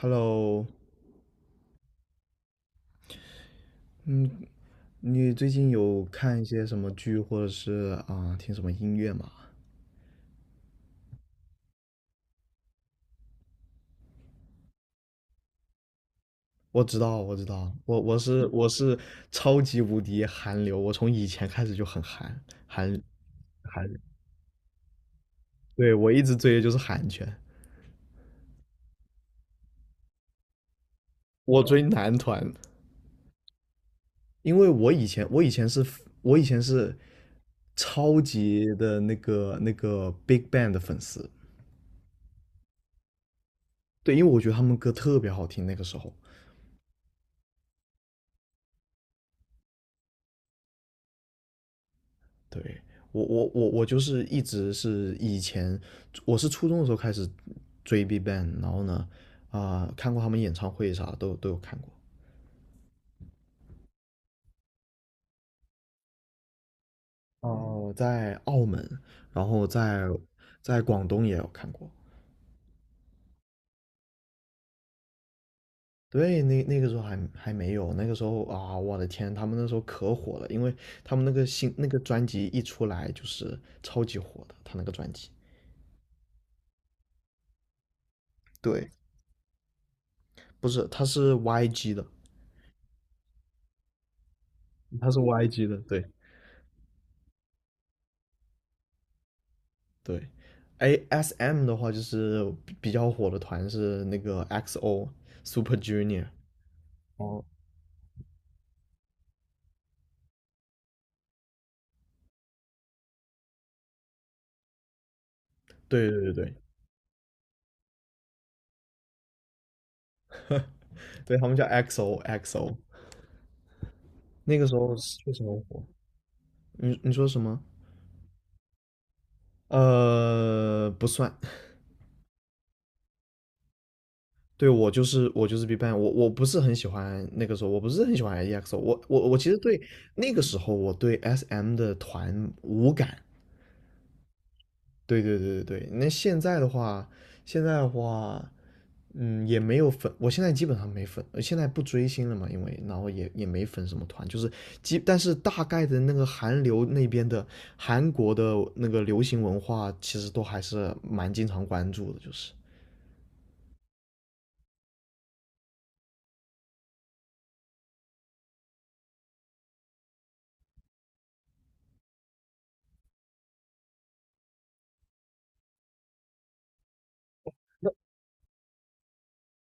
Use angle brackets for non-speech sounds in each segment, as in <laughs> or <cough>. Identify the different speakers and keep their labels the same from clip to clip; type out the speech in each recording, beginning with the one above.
Speaker 1: Hello,嗯，你最近有看一些什么剧，或者是听什么音乐吗？我知道，我知道，我是超级无敌韩流，我从以前开始就很韩韩流，对，我一直追的就是韩圈，我追男团，因为我以前是超级的那个 Big Bang 的粉丝，对，因为我觉得他们歌特别好听，那个时候。对，我就是一直是以前，我是初中的时候开始追 BigBang,然后呢，看过他们演唱会啥都都有看过。哦，在澳门，然后在在广东也有看过。对，那个时候还还没有，那个时候啊，我的天，他们那时候可火了，因为他们那个新那个专辑一出来就是超级火的，他那个专辑。对，不是，他是 YG 的，他是 YG 的，对。对，ASM 的话就是比比较火的团是那个 XO Super Junior,哦，对对对对，对他们叫 XO XO,那个时候是确实很火。你你说什么？不算。对，我就是我就是 BigBang,我我不是很喜欢那个时候，我不是很喜欢 EXO,我其实对那个时候我对 SM 的团无感，对对对对对，那现在的话，现在的话，也没有粉，我现在基本上没粉，现在不追星了嘛，因为然后也也没粉什么团，就是基，但是大概的那个韩流那边的韩国的那个流行文化，其实都还是蛮经常关注的，就是，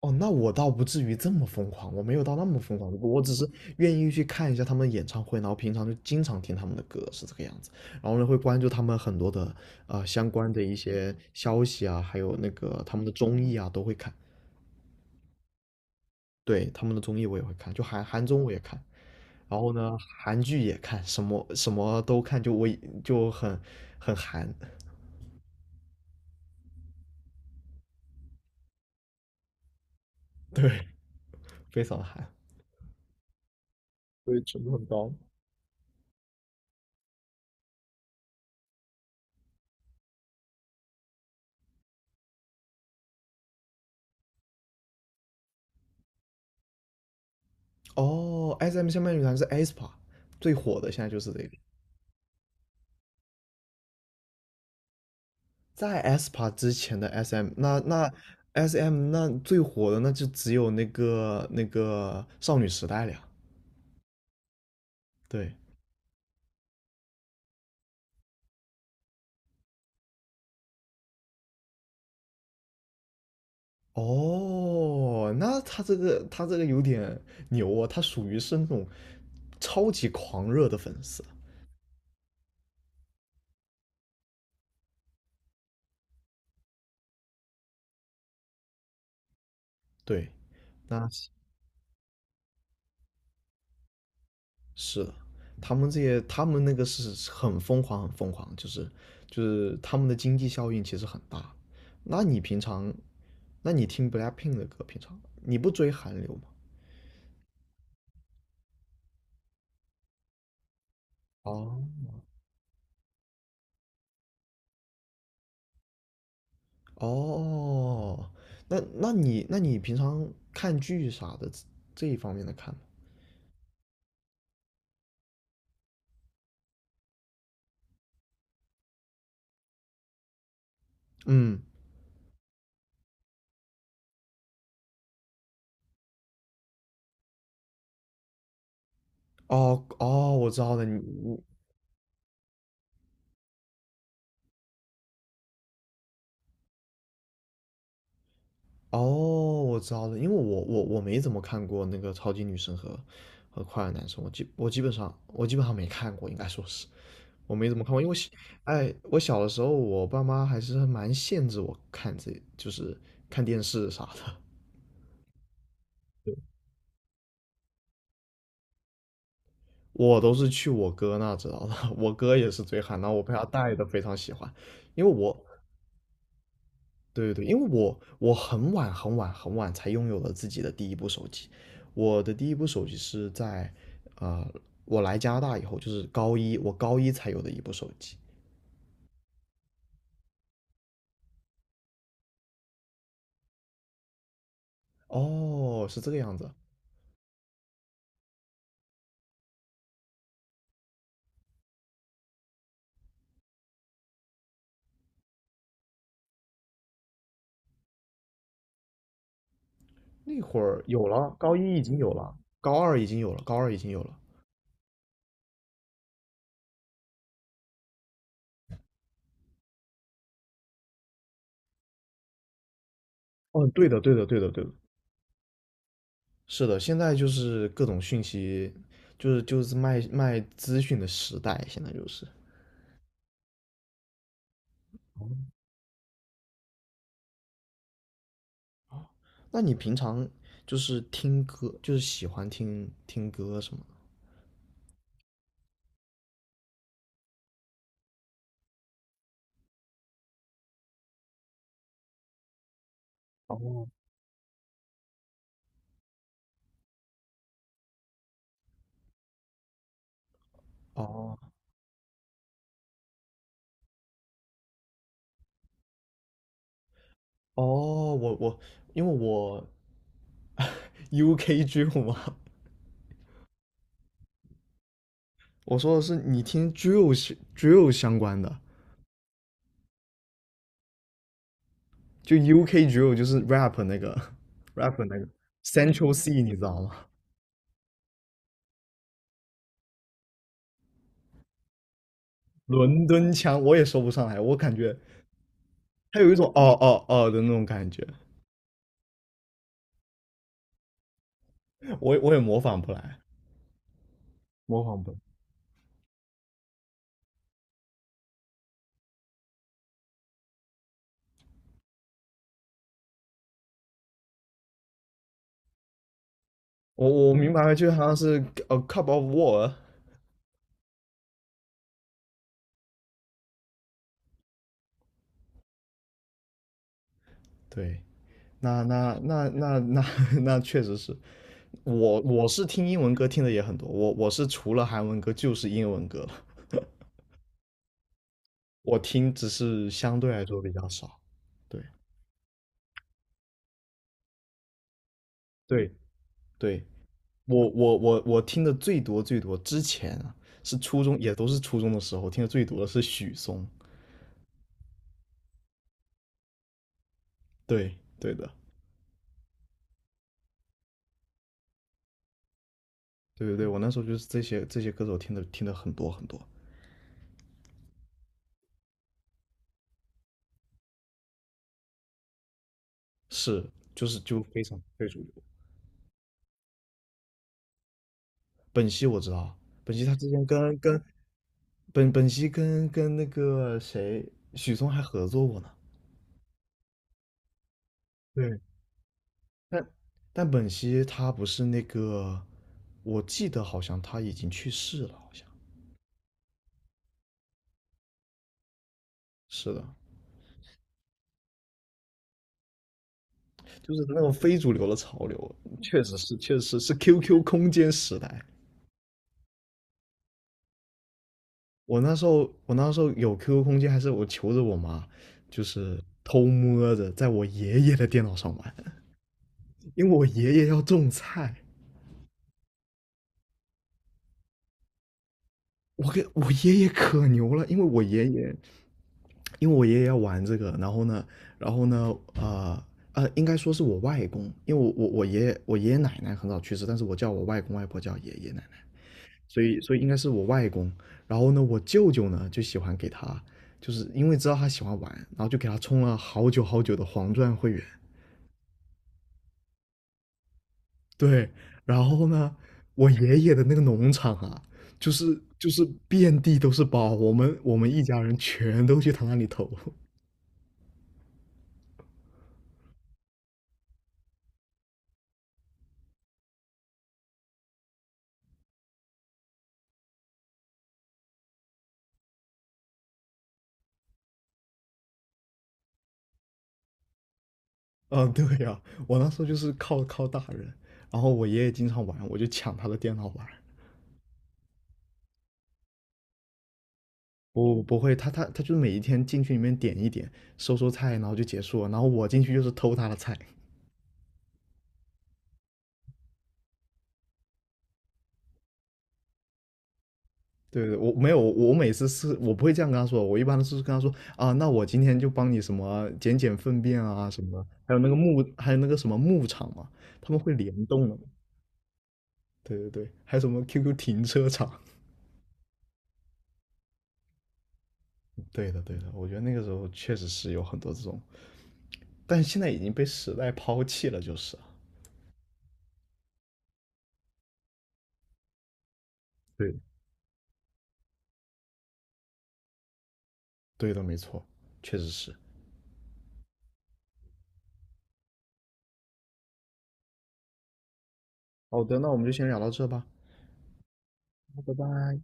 Speaker 1: 哦，那我倒不至于这么疯狂，我没有到那么疯狂，我只是愿意去看一下他们演唱会，然后平常就经常听他们的歌，是这个样子。然后呢，会关注他们很多的啊相关的一些消息啊，还有那个他们的综艺啊，都会看。对，他们的综艺我也会看，就韩韩综我也看，然后呢，韩剧也看，什么什么都看，就我就很很韩，<laughs> 对，非常韩。所以程度很高。哦，S M 下面女团是 aespa,最火的现在就是这个。在 aespa 之前的 SM,那那 SM 那最火的那就只有那个少女时代了呀。对，哦，那他这个他这个有点牛哦，他属于是那种超级狂热的粉丝。对，那是是的，他们这些他们那个是很疯狂很疯狂，就是就是他们的经济效应其实很大。那你平常，那你听 BLACKPINK 的歌，平常你不追韩流吗？哦哦，那那你那你平常看剧啥的这这一方面的看吗？嗯，哦哦，我知道了，你你哦，我知道了，因为我没怎么看过那个超级女生和和快乐男生，我基本上没看过，应该说是我没怎么看过，因为我小，我小的时候我爸妈还是蛮限制我看这就是看电视啥的，我都是去我哥那知道的，<laughs> 我哥也是追韩，然后我被他带的非常喜欢，因为我，对对对，因为我我很晚很晚很晚才拥有了自己的第一部手机，我的第一部手机是在，呃，我来加拿大以后，就是高一，我高一才有的一部手机。哦，是这个样子，那会儿有了，高一已经有了，高二已经有了，高二已经有了。哦，对的对的对的对的，是的，现在就是各种讯息，就是就是卖卖资讯的时代，现在就是。那你平常就是听歌，就是喜欢听听歌什么的？哦哦，我我因为我 <laughs> UK drill 嘛，我说的是你听 drill 是 drill 相关的，就 UK drill 就是 rap 那个 rap 那个 Central C,你知道吗？伦敦腔我也说不上来，我感觉它有一种哦哦哦的那种感觉。我我也模仿不来。模仿不来。我我明白了，就好像是 a cup of war。对，那那那那那 <laughs> 那确实是，我我是听英文歌听的也很多，我我是除了韩文歌就是英文歌了，我听只是相对来说比较少。对对，对，我听的最多最多之前啊是初中，也都是初中的时候听的最多的是许嵩。对对的，对对对，我那时候就是这些这些歌手听的听的很多很多。是，就是就非常非主流。本兮我知道，本兮他之前跟跟本兮跟跟那个谁许嵩还合作过呢。对，但但本兮他不是那个，我记得好像他已经去世了，好像是的，就是那种非主流的潮流，确实是确实是 QQ 空间时代。我那时候有 QQ 空间，还是我求着我妈，就是偷摸着在我爷爷的电脑上玩。因为我爷爷要种菜，我给我爷爷可牛了，因为我爷爷，因为我爷爷要玩这个，然后呢，然后呢，应该说是我外公，因为我爷爷我爷爷奶奶很早去世，但是我叫我外公外婆叫爷爷奶奶，所以所以应该是我外公，然后呢，我舅舅呢就喜欢给他，就是因为知道他喜欢玩，然后就给他充了好久好久的黄钻会员，对，然后呢，我爷爷的那个农场啊，就是就是遍地都是包，我们我们一家人全都去他那里投。<laughs> 啊，对呀，我那时候就是靠靠大人，然后我爷爷经常玩，我就抢他的电脑玩。不不会，他他他就每一天进去里面点一点，收收菜，然后就结束了。然后我进去就是偷他的菜。对对，我没有，我每次是我不会这样跟他说，我一般都是跟他说啊，那我今天就帮你什么捡捡粪便啊什么的，还有那个牧，还有那个什么牧场嘛，他们会联动的嘛，对对对，还有什么 QQ 停车场？对的对的，我觉得那个时候确实是有很多这种，但是现在已经被时代抛弃了，就是啊，对对的，没错，确实是。好的，那我们就先聊到这吧，拜拜。